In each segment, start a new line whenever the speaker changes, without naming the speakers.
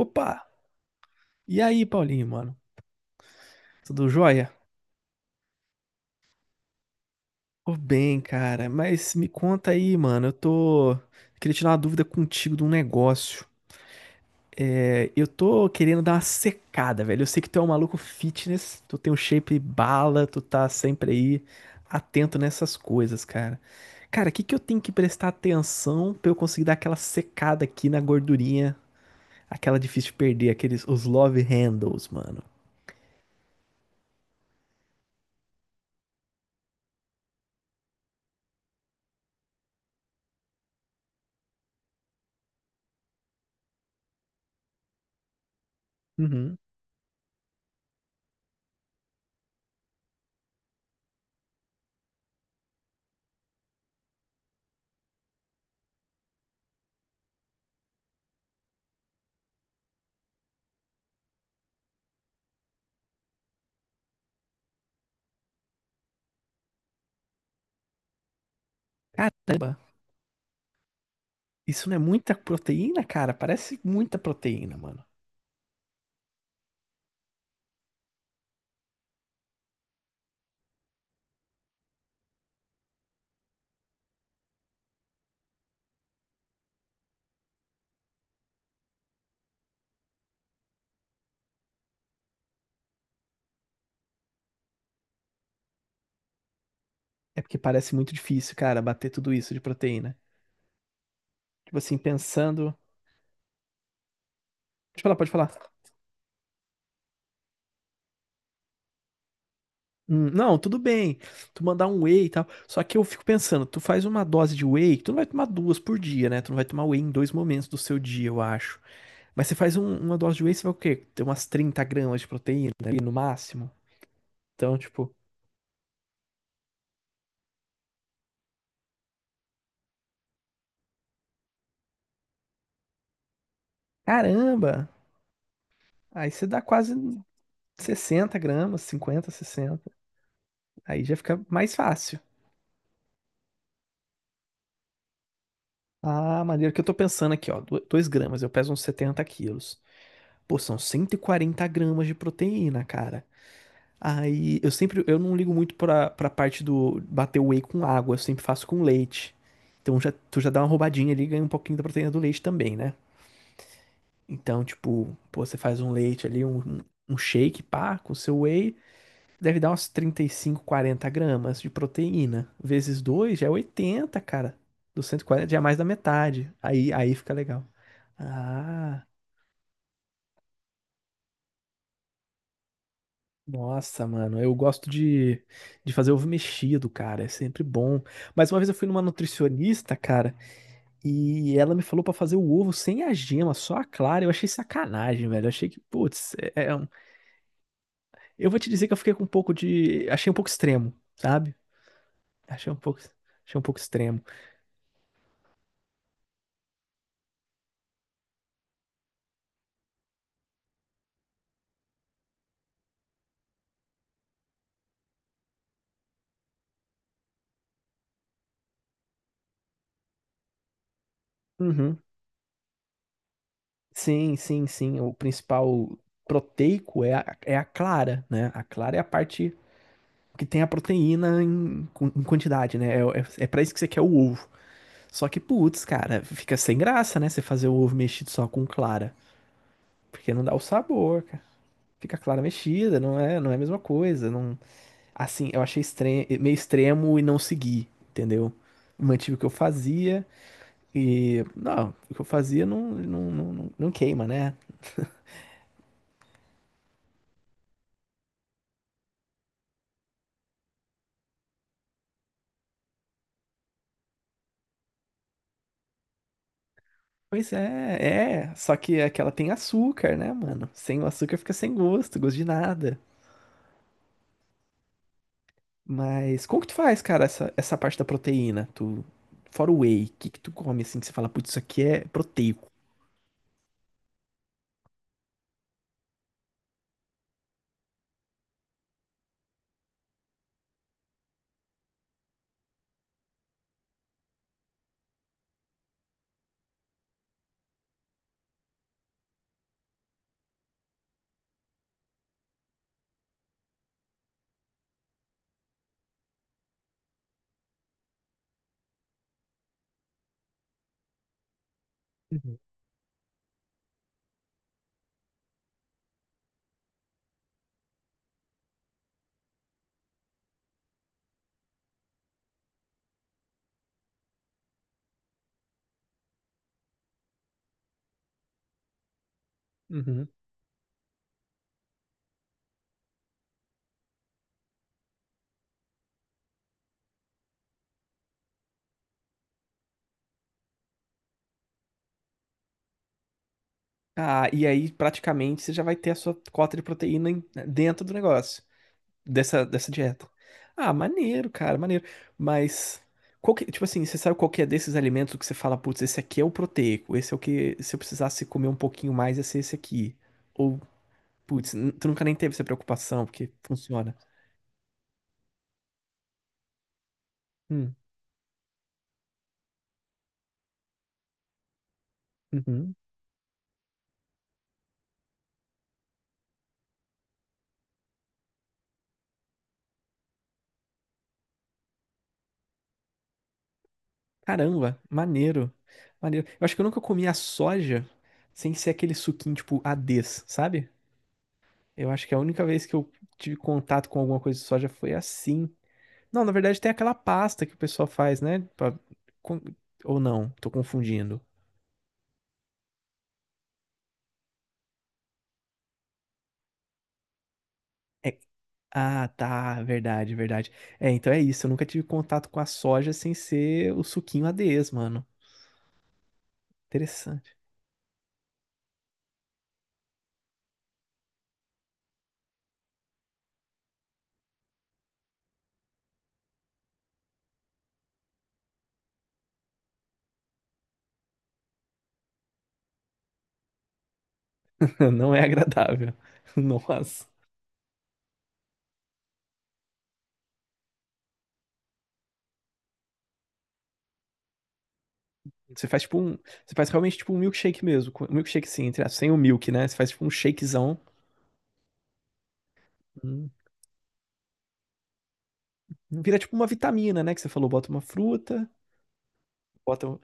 Opa! E aí, Paulinho, mano? Tudo jóia? Tô bem, cara, mas me conta aí, mano. Eu tô. Queria tirar uma dúvida contigo de um negócio. É, eu tô querendo dar uma secada, velho. Eu sei que tu é um maluco fitness, tu tem um shape bala, tu tá sempre aí atento nessas coisas, cara. Cara, o que que eu tenho que prestar atenção pra eu conseguir dar aquela secada aqui na gordurinha, aquela difícil de perder, aqueles os love handles, mano? Uhum. Caramba! Isso não é muita proteína, cara? Parece muita proteína, mano. É porque parece muito difícil, cara, bater tudo isso de proteína. Tipo assim, pensando. Pode falar. Não, tudo bem. Tu mandar um whey e tal. Só que eu fico pensando, tu faz uma dose de whey, tu não vai tomar duas por dia, né? Tu não vai tomar whey em dois momentos do seu dia, eu acho. Mas você faz uma dose de whey, você vai o quê? Ter umas 30 gramas de proteína ali no máximo. Então, tipo, caramba! Aí você dá quase 60 gramas, 50, 60. Aí já fica mais fácil. Ah, maneiro que eu tô pensando aqui, ó. Dois gramas, eu peso uns 70 quilos. Pô, são 140 gramas de proteína, cara. Eu não ligo muito pra parte do bater o whey com água, eu sempre faço com leite. Então já, tu já dá uma roubadinha ali e ganha um pouquinho da proteína do leite também, né? Então, tipo, pô, você faz um leite ali, um shake, pá, com seu whey. Deve dar uns 35, 40 gramas de proteína. Vezes 2 já é 80, cara. Dos 140 já é mais da metade. Aí fica legal. Ah, nossa, mano. De fazer ovo mexido, cara. É sempre bom. Mas uma vez eu fui numa nutricionista, cara, e ela me falou pra fazer o ovo sem a gema, só a clara. Eu achei sacanagem, velho. Eu achei que, putz, eu vou te dizer que eu fiquei com um pouco de. Achei um pouco extremo, sabe? Achei um pouco, achei um pouco extremo. Uhum. Sim. O principal proteico é a clara, né? A clara é a parte que tem a proteína em, em quantidade, né? É para isso que você quer o ovo. Só que, putz, cara, fica sem graça, né? Você fazer o ovo mexido só com clara. Porque não dá o sabor, cara. Fica clara mexida, não é a mesma coisa. Não. Assim, eu achei meio extremo e não segui, entendeu? Mantive o que eu fazia e. Não, o que eu fazia não, não queima, né? Pois é. Só que é que ela tem açúcar, né, mano? Sem o açúcar fica sem gosto, gosto de nada. Mas como que tu faz, cara, essa parte da proteína? Tu, fora o whey, o que que tu come assim que você fala, putz, isso aqui é proteico? Uhum. Uhum. Ah, e aí praticamente você já vai ter a sua cota de proteína dentro do negócio. Dessa, dessa dieta. Ah, maneiro, cara, maneiro. Mas, tipo assim, você sabe qual que é desses alimentos que você fala, putz, esse aqui é o proteico, esse é o que, se eu precisasse comer um pouquinho mais, ia ser esse aqui. Ou, putz, tu nunca nem teve essa preocupação, porque funciona. Hum, uhum. Caramba, maneiro. Eu acho que eu nunca comi a soja sem ser aquele suquinho, tipo, Ades, sabe? Eu acho que a única vez que eu tive contato com alguma coisa de soja foi assim. Não, na verdade tem aquela pasta que o pessoal faz, né? Com- Ou não, tô confundindo. É- Ah, tá, verdade. É, então é isso. Eu nunca tive contato com a soja sem ser o suquinho ADES, mano. Interessante. Não é agradável. Nossa. Você faz tipo um. Você faz realmente tipo um milkshake mesmo. Milkshake sim, entre, aspas, sem o milk, né? Você faz tipo um shakezão. Hum. Hum, vira tipo uma vitamina, né? Que você falou, bota uma fruta, bota. um-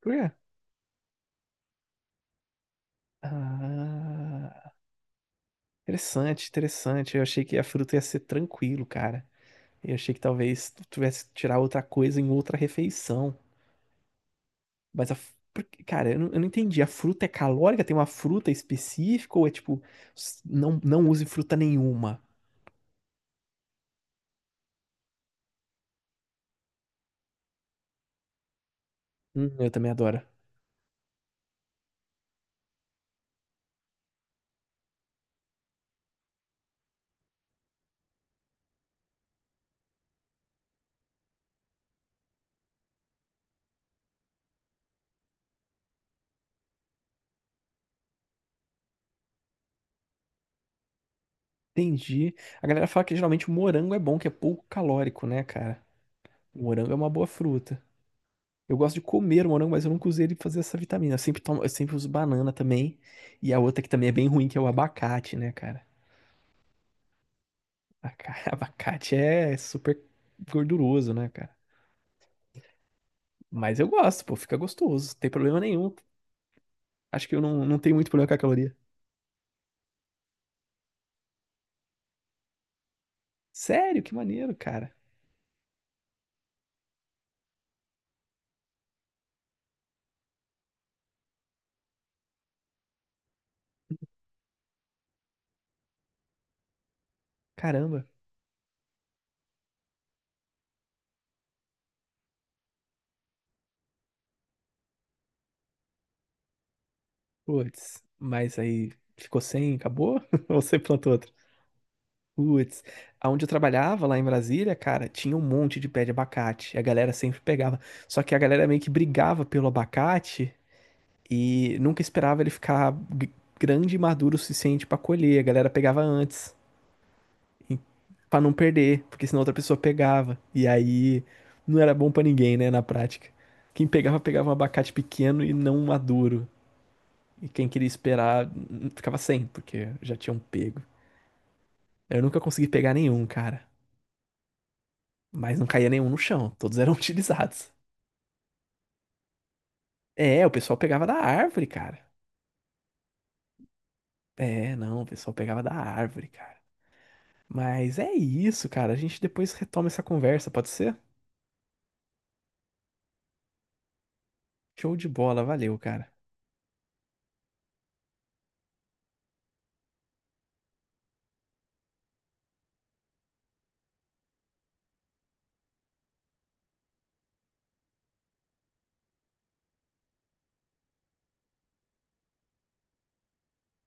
Por quê? Ah. Interessante. Eu achei que a fruta ia ser tranquilo, cara. Eu achei que talvez tu tivesse que tirar outra coisa em outra refeição. Mas a. f- por que- Cara, eu não entendi. A fruta é calórica? Tem uma fruta específica? Ou é tipo, não, não use fruta nenhuma? Eu também adoro. Entendi. A galera fala que geralmente o morango é bom, que é pouco calórico, né, cara? O morango é uma boa fruta. Eu gosto de comer o morango, mas eu nunca usei ele pra fazer essa vitamina. Eu sempre uso banana também. E a outra que também é bem ruim, que é o abacate, né, cara? Abacate é super gorduroso, né, cara? Mas eu gosto, pô, fica gostoso, não tem problema nenhum. Acho que eu não, não tenho muito problema com a caloria. Sério, que maneiro, cara. Caramba. Putz, mas aí ficou sem, acabou? Ou você plantou outro? Putz, aonde eu trabalhava lá em Brasília, cara, tinha um monte de pé de abacate. A galera sempre pegava. Só que a galera meio que brigava pelo abacate e nunca esperava ele ficar g- grande e maduro o suficiente pra colher. A galera pegava antes. Pra não perder, porque senão outra pessoa pegava. E aí não era bom pra ninguém, né, na prática. Quem pegava, pegava um abacate pequeno e não um maduro. E quem queria esperar ficava sem, porque já tinham pego. Eu nunca consegui pegar nenhum, cara. Mas não caía nenhum no chão, todos eram utilizados. É, o pessoal pegava da árvore, cara. É, não, o pessoal pegava da árvore, cara. Mas é isso, cara. A gente depois retoma essa conversa, pode ser? Show de bola, valeu, cara.